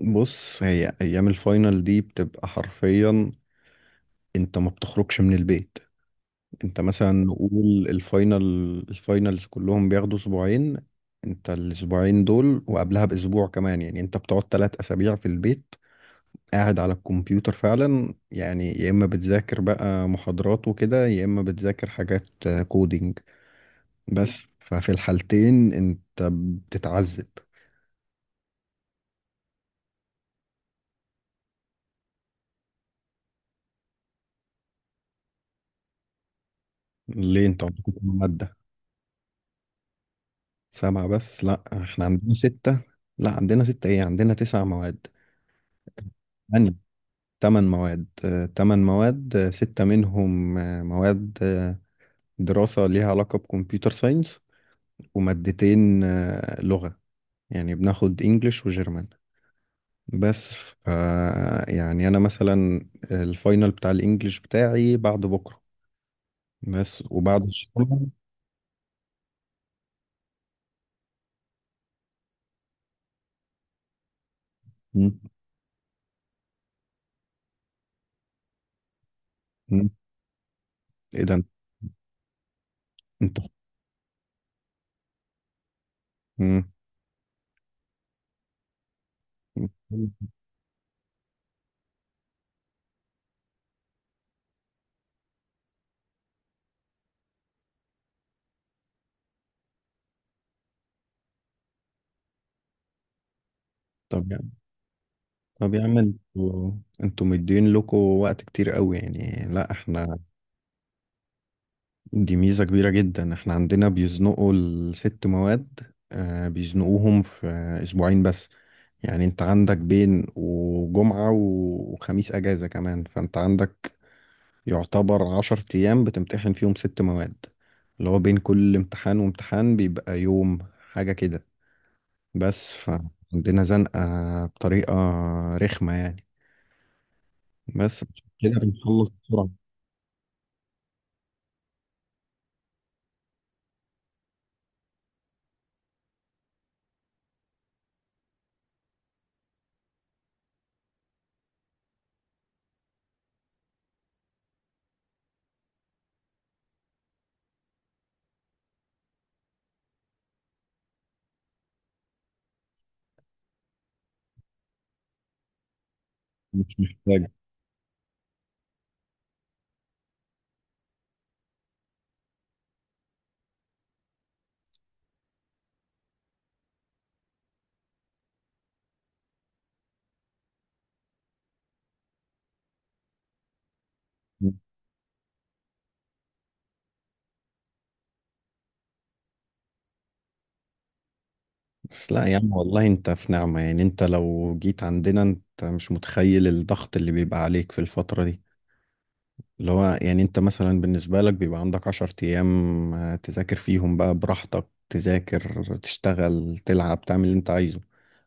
بص، هي ايام الفاينل دي بتبقى حرفيا. انت ما بتخرجش من البيت. انت مثلا نقول الفاينلز كلهم بياخدوا اسبوعين. انت الاسبوعين دول وقبلها باسبوع كمان، يعني انت بتقعد 3 اسابيع في البيت، قاعد على الكمبيوتر فعلا. يعني يا اما بتذاكر بقى محاضرات وكده، يا اما بتذاكر حاجات كودينج، بس. ففي الحالتين انت بتتعذب. ليه؟ انت عندكم مادة؟ 7 بس؟ لا، احنا عندنا 6. لا، عندنا 6، ايه، عندنا 9 مواد، يعني 8 مواد، 8 مواد، 6 منهم، مواد، دراسة ليها علاقة بكمبيوتر ساينس، ومادتين لغة، يعني بناخد انجليش وجيرمان، بس. يعني انا مثلا، الفاينل بتاع الانجليش بتاعي بعد بكرة، بس، وبعد الشغل. مم. مم. ايه ده؟ انت. مم. طب، يعني، طب يا عم، انتوا مدين لكم وقت كتير قوي، يعني. لا، احنا، دي ميزة كبيرة جدا. احنا عندنا بيزنقوا ال6 مواد، بيزنقوهم في اسبوعين بس. يعني انت عندك بين وجمعة وخميس اجازة كمان، فانت عندك يعتبر 10 ايام بتمتحن فيهم 6 مواد، اللي هو بين كل امتحان وامتحان بيبقى يوم، حاجة كده. بس فعندنا زنقة بطريقة رخمة، يعني، بس. كده بنخلص بسرعة. مش محتاج. بس لا يا عم، والله انت في نعمة. يعني انت لو جيت عندنا انت مش متخيل الضغط اللي بيبقى عليك في الفترة دي. اللي هو يعني انت مثلا بالنسبة لك بيبقى عندك 10 ايام، تذاكر فيهم بقى براحتك، تذاكر، تشتغل، تلعب، تعمل اللي انت عايزه،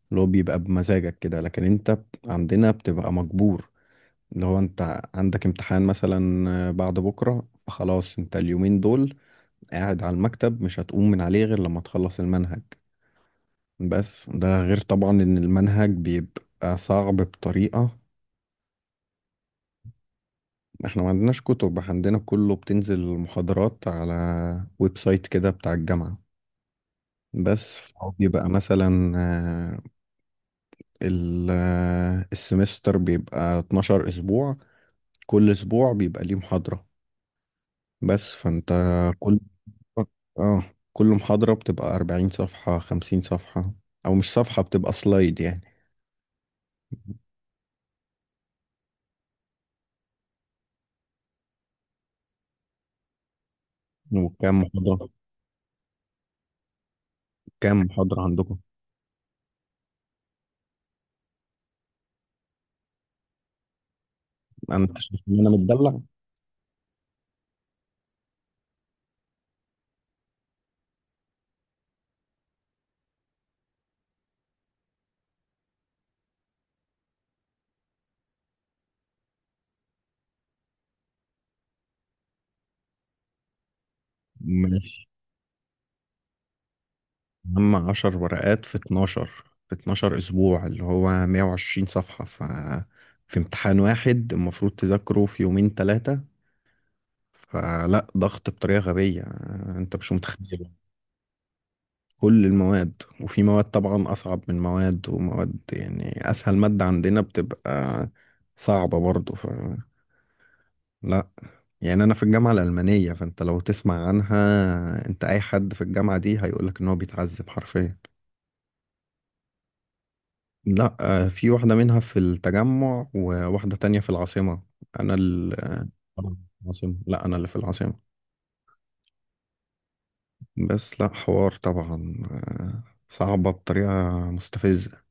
اللي هو بيبقى بمزاجك كده. لكن انت عندنا بتبقى مجبور، اللي هو انت عندك امتحان مثلا بعد بكرة، فخلاص انت اليومين دول قاعد على المكتب، مش هتقوم من عليه غير لما تخلص المنهج. بس ده غير طبعا ان المنهج بيبقى صعب بطريقة. احنا ما عندناش كتب، عندنا كله بتنزل محاضرات على ويب سايت كده بتاع الجامعة. بس فهو بيبقى مثلا، السمستر بيبقى 12 اسبوع. كل اسبوع بيبقى ليه محاضرة، بس. فانت، كل اه كل محاضرة بتبقى 40 صفحة، 50 صفحة، او مش صفحة، بتبقى سلايد، يعني. وكام محاضرة كام محاضرة عندكم؟ انا، انت شايف ان انا متدلع؟ ماشي. هم 10 ورقات في اتناشر أسبوع، اللي هو 120 صفحة. في امتحان واحد المفروض تذاكره في يومين تلاتة. فلا، ضغط بطريقة غبية، أنت مش متخيل. كل المواد، وفي مواد طبعا أصعب من مواد ومواد، يعني أسهل مادة عندنا بتبقى صعبة برضو. فلا، يعني أنا في الجامعة الألمانية، فأنت لو تسمع عنها، أنت، أي حد في الجامعة دي هيقولك إن هو بيتعذب حرفيا. لا، في واحدة منها في التجمع، وواحدة تانية في العاصمة. أنا، أنا في العاصمة، لا أنا اللي في العاصمة. بس، لا، حوار طبعا. صعبة بطريقة مستفزة.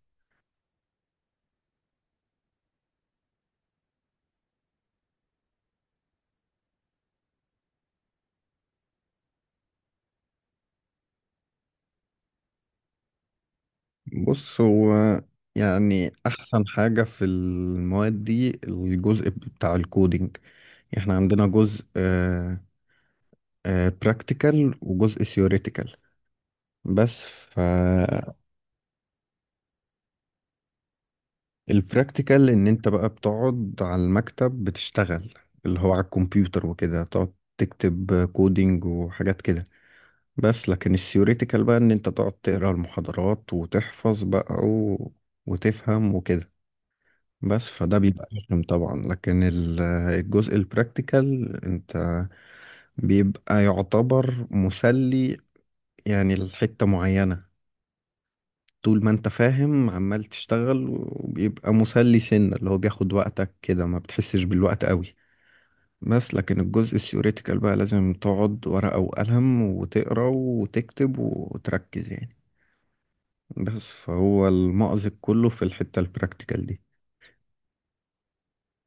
بص، هو يعني أحسن حاجة في المواد دي الجزء بتاع الكودينج. احنا عندنا جزء براكتيكال وجزء ثيوريتيكال، بس. ف البراكتيكال، ان انت بقى بتقعد على المكتب بتشتغل، اللي هو على الكمبيوتر، وكده تقعد تكتب كودينج وحاجات كده، بس. لكن الثيوريتيكال بقى، ان انت تقعد تقرا المحاضرات وتحفظ بقى وتفهم وكده، بس. فده بيبقى رخم طبعا، لكن الجزء البراكتيكال انت بيبقى يعتبر مسلي، يعني لحتة معينة. طول ما انت فاهم، عمال تشتغل، وبيبقى مسلي سنة، اللي هو بياخد وقتك كده، ما بتحسش بالوقت قوي. بس لكن الجزء الثيوريتيكال بقى لازم تقعد ورقة وقلم، وتقرا وتكتب وتركز، يعني. بس فهو المأزق كله في الحتة البراكتيكال دي،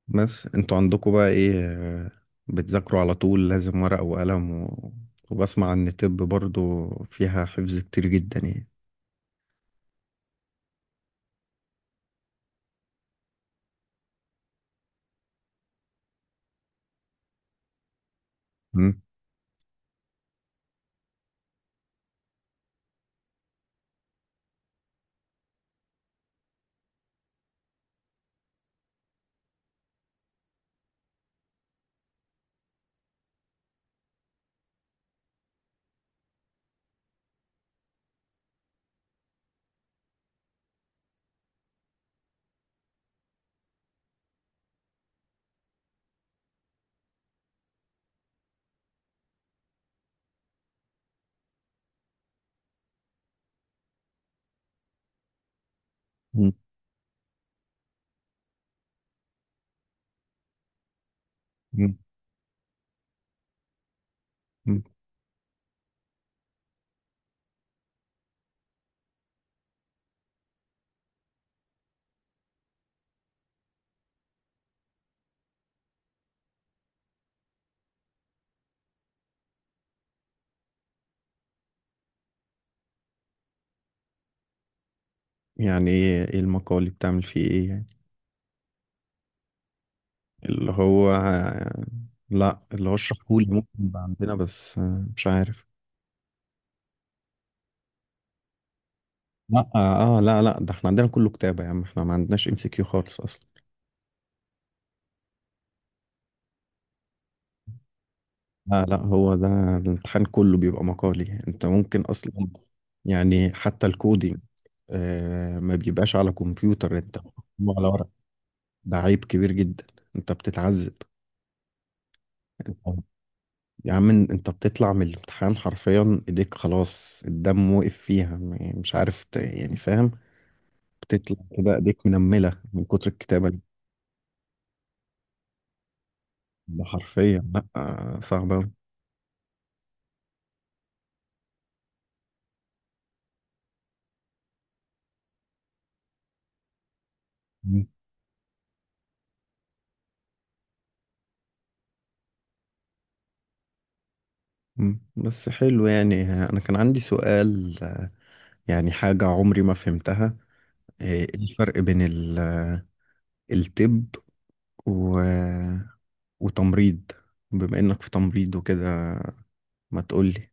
بس. انتوا عندكم بقى ايه؟ بتذاكروا على طول لازم ورقة وقلم وبسمع ان طب برضو فيها حفظ كتير جدا، يعني. مم. مم. مم. يعني ايه؟ المقالي بتعمل فيه ايه يعني؟ اللي هو لا، اللي هو اشرحهولي، ممكن يبقى عندنا، بس مش عارف. لا، لا، لا، ده احنا عندنا كله كتابة يا عم. احنا ما عندناش ام سي كيو خالص اصلا. لا، لا، هو ده. الامتحان كله بيبقى مقالي. انت ممكن اصلا، يعني حتى الكودينج ما بيبقاش على كمبيوتر، انت هو على ورق. ده عيب كبير جدا. انت بتتعذب. انت- يا عم، انت بتطلع من الامتحان حرفيا، ايديك خلاص الدم وقف فيها، مش عارف، يعني، فاهم؟ بتطلع كده ايديك منملة من كتر الكتابة اللي... ده حرفيا، لا، صعبة أوي. مم. مم. بس، حلو. يعني انا كان عندي سؤال، يعني حاجة عمري ما فهمتها. إيه الفرق بين الطب و... وتمريض، بما انك في تمريض وكده؟ ما تقولي.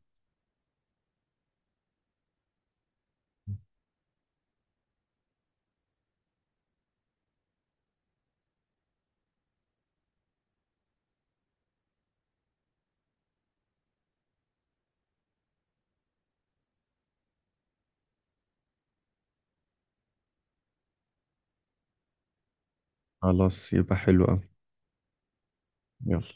خلاص، يبقى حلو قوي. يلا.